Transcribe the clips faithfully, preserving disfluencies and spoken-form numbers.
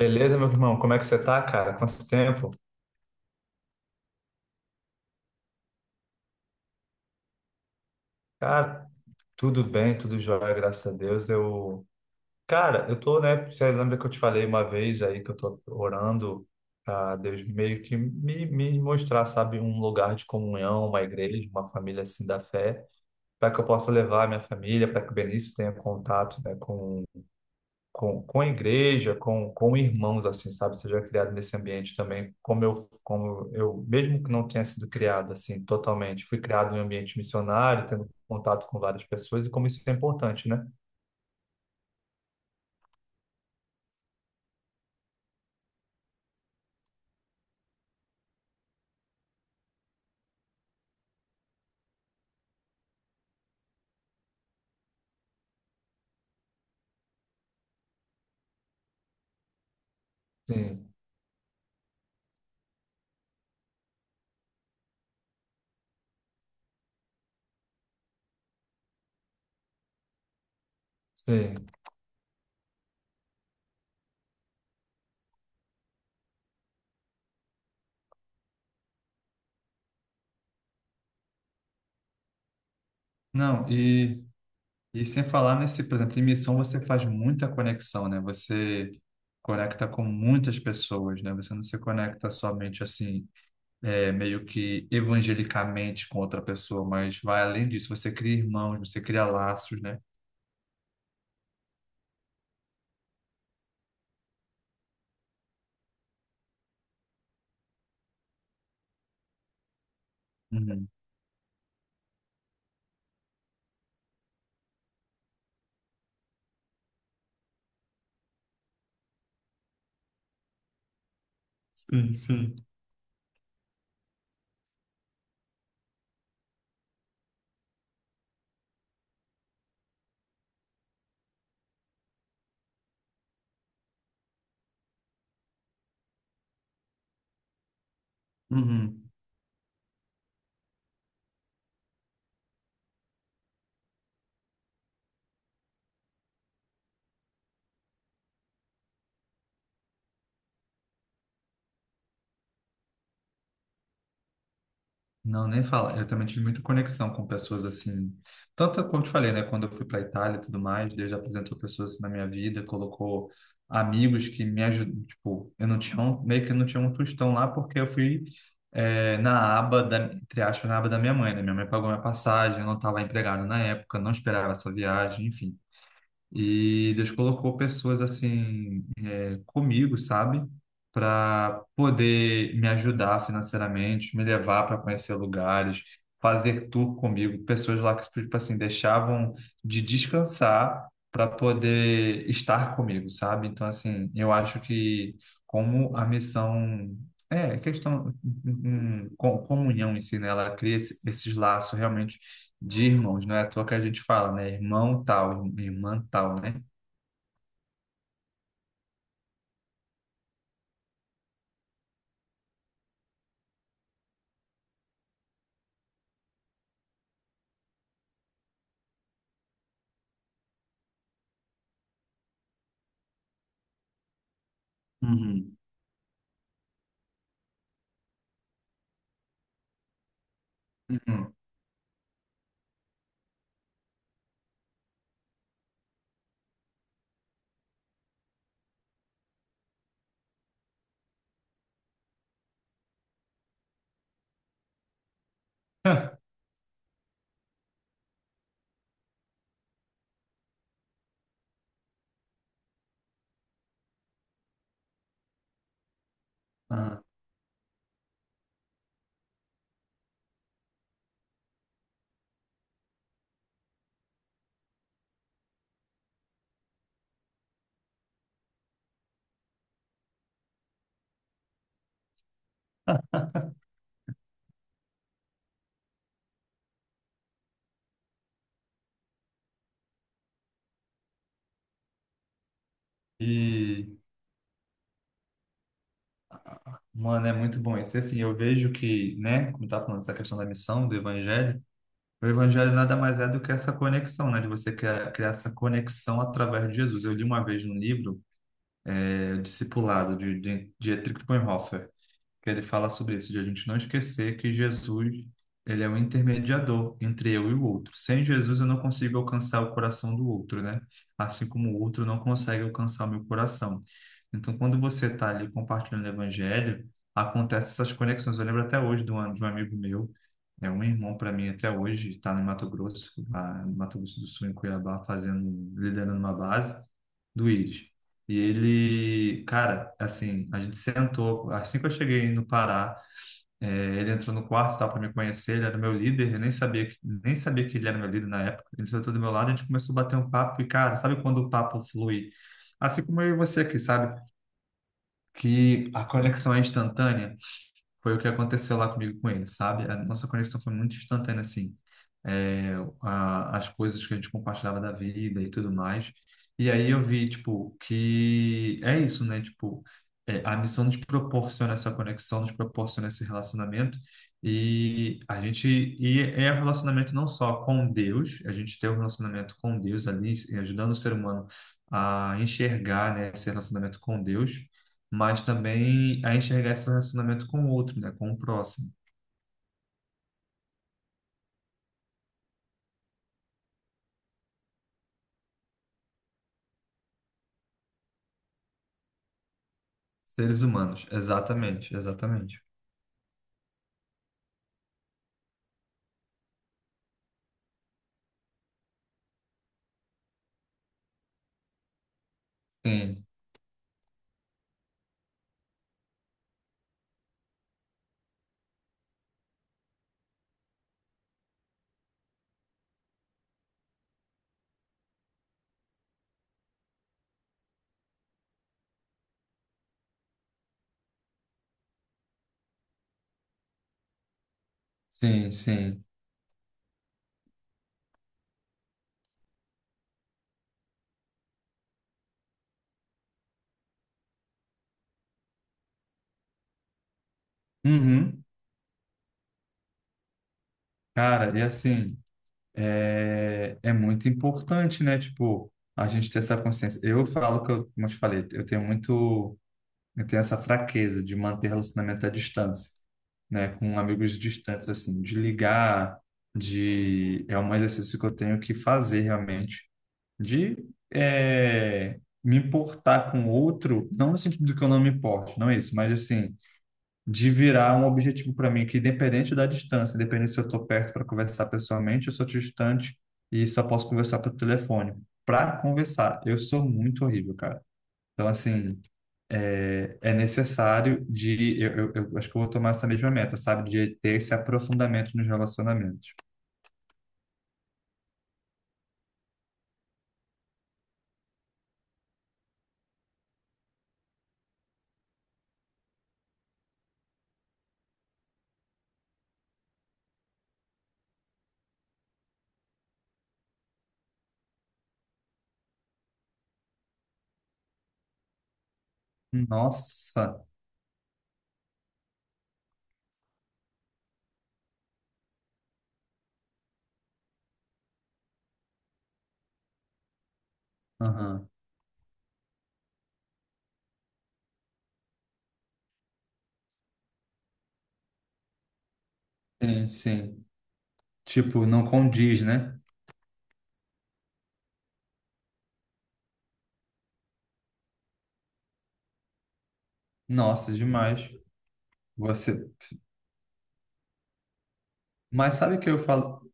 Beleza, meu irmão? Como é que você tá, cara? Quanto tempo? Cara, tudo bem, tudo jóia, graças a Deus. Eu, cara, eu tô, né? Você lembra que eu te falei uma vez aí que eu tô orando a Deus meio que me, me mostrar, sabe, um lugar de comunhão, uma igreja, uma família assim da fé, para que eu possa levar a minha família, para que o Benício tenha contato, né, com com, com a igreja, com, com irmãos, assim, sabe? Seja criado nesse ambiente também, como eu, como eu, mesmo que não tenha sido criado, assim, totalmente, fui criado em um ambiente missionário, tendo contato com várias pessoas, e como isso é importante, né? Sim, sim. Não, e, e sem falar nesse, por exemplo, em missão você faz muita conexão, né? Você conecta com muitas pessoas, né? Você não se conecta somente assim é, meio que evangelicamente com outra pessoa, mas vai além disso. Você cria irmãos, você cria laços, né? Uhum. Sim, sim. Uhum. Não, nem fala. Eu também tive muita conexão com pessoas assim. Tanto como te falei, né? Quando eu fui para Itália e tudo mais, Deus apresentou pessoas assim na minha vida, colocou amigos que me ajudam. Tipo, eu não tinha um, meio que eu não tinha um tostão lá porque eu fui é, na aba da, entre aspas, na aba da minha mãe, né? Minha mãe pagou minha passagem, eu não estava empregado na época, não esperava essa viagem, enfim. E Deus colocou pessoas assim é, comigo, sabe? Para poder me ajudar financeiramente, me levar para conhecer lugares, fazer tour comigo. Pessoas lá que, tipo assim, deixavam de descansar para poder estar comigo, sabe? Então, assim, eu acho que como a missão. É, questão, hum, hum, com- comunhão em si, né? Ela cria esse- esses laços realmente de irmãos, não é à toa que a gente fala, né? Irmão tal, irmã tal, né? Uhum. Uhum. Ah, E, mano, é muito bom isso. E, assim, eu vejo que, né, como tá falando dessa questão da missão, do evangelho, o evangelho nada mais é do que essa conexão, né, de você criar, criar essa conexão através de Jesus. Eu li uma vez num livro, é, Discipulado, de, de, de Dietrich Bonhoeffer, que ele fala sobre isso, de a gente não esquecer que Jesus, ele é o intermediador entre eu e o outro. Sem Jesus eu não consigo alcançar o coração do outro, né? Assim como o outro não consegue alcançar o meu coração. Então, quando você está ali compartilhando o evangelho, acontecem essas conexões. Eu lembro até hoje de um, de um amigo meu, é um irmão para mim até hoje, está no Mato Grosso, lá no Mato Grosso do Sul, em Cuiabá, fazendo, liderando uma base do Íris. E ele, cara, assim, a gente sentou, assim que eu cheguei no Pará, é, ele entrou no quarto, tal, para me conhecer, ele era meu líder, eu nem sabia que, nem sabia que ele era meu líder na época. Ele sentou do meu lado, a gente começou a bater um papo e, cara, sabe quando o papo flui? Assim como eu e você aqui, sabe? Que a conexão é instantânea, foi o que aconteceu lá comigo com ele, sabe? A nossa conexão foi muito instantânea, assim. É, a, as coisas que a gente compartilhava da vida e tudo mais. E aí eu vi, tipo, que é isso, né? Tipo, é, a missão nos proporciona essa conexão, nos proporciona esse relacionamento. E a gente, e é um relacionamento não só com Deus, a gente tem um relacionamento com Deus ali, ajudando o ser humano a enxergar, né, esse relacionamento com Deus, mas também a enxergar esse relacionamento com o outro, né? Com o próximo. Seres humanos, exatamente, exatamente. Sim, sim, sim. Uhum. Cara, e assim, é, é muito importante, né? Tipo, a gente ter essa consciência. Eu falo que eu, como eu te falei, eu tenho muito, eu tenho essa fraqueza de manter relacionamento à distância, né? Com amigos distantes, assim, de ligar, de... É um exercício que eu tenho que fazer realmente de eh, me importar com o outro, não no sentido de que eu não me importo, não é isso, mas assim, de virar um objetivo para mim que independente da distância, independente se eu estou perto para conversar pessoalmente, eu sou distante e só posso conversar pelo telefone. Para conversar, eu sou muito horrível, cara. Então, assim, é, é necessário de. Eu, eu, eu acho que eu vou tomar essa mesma meta, sabe? De ter esse aprofundamento nos relacionamentos. Nossa! Aham. Sim, sim. Tipo, não condiz, né? Nossa, demais. Você. Mas sabe que eu falo,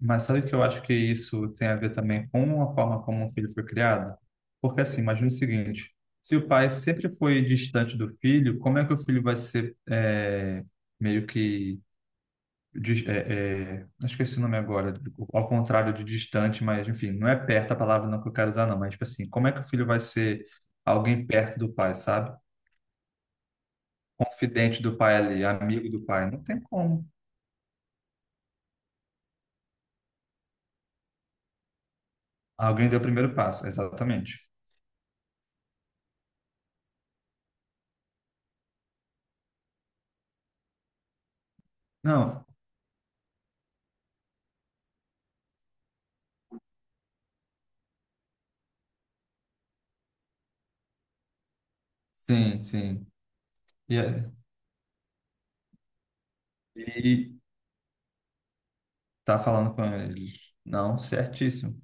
mas sabe que eu acho que isso tem a ver também com a forma como o filho foi criado? Porque assim, imagina o seguinte: se o pai sempre foi distante do filho, como é que o filho vai ser é, meio que dis- é, é, eu esqueci o nome agora, ao contrário de distante, mas enfim, não é perto a palavra não que eu quero usar, não, mas tipo assim, como é que o filho vai ser alguém perto do pai, sabe? Confidente do pai ali, amigo do pai? Não tem como. Alguém deu o primeiro passo, exatamente. Não, sim, sim. E, é, e tá falando com eles. Não, certíssimo.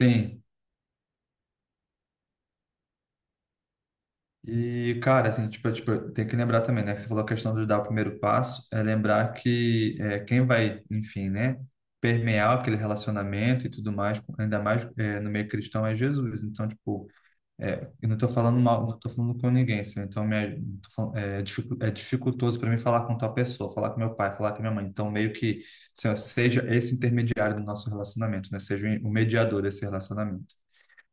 Sim. E, cara, assim, tipo, é, tipo, tem que lembrar também, né? Que você falou a questão de dar o primeiro passo, é lembrar que é, quem vai, enfim, né? Permear aquele relacionamento e tudo mais, ainda mais é, no meio cristão, é Jesus. Então, tipo, É, eu não estou falando mal, não estou falando com ninguém, assim, então minha, tô falando- é, dificu- é dificultoso para mim falar com tal pessoa, falar com meu pai, falar com minha mãe. Então, meio que assim, ó, seja esse intermediário do nosso relacionamento, né? Seja o mediador desse relacionamento.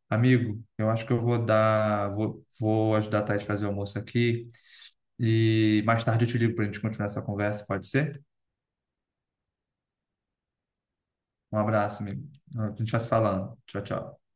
Amigo, eu acho que eu vou dar, vou, vou ajudar a Thaís a fazer o almoço aqui e mais tarde eu te ligo para a gente continuar essa conversa, pode ser? Um abraço, amigo. A gente vai se falando. Tchau, tchau.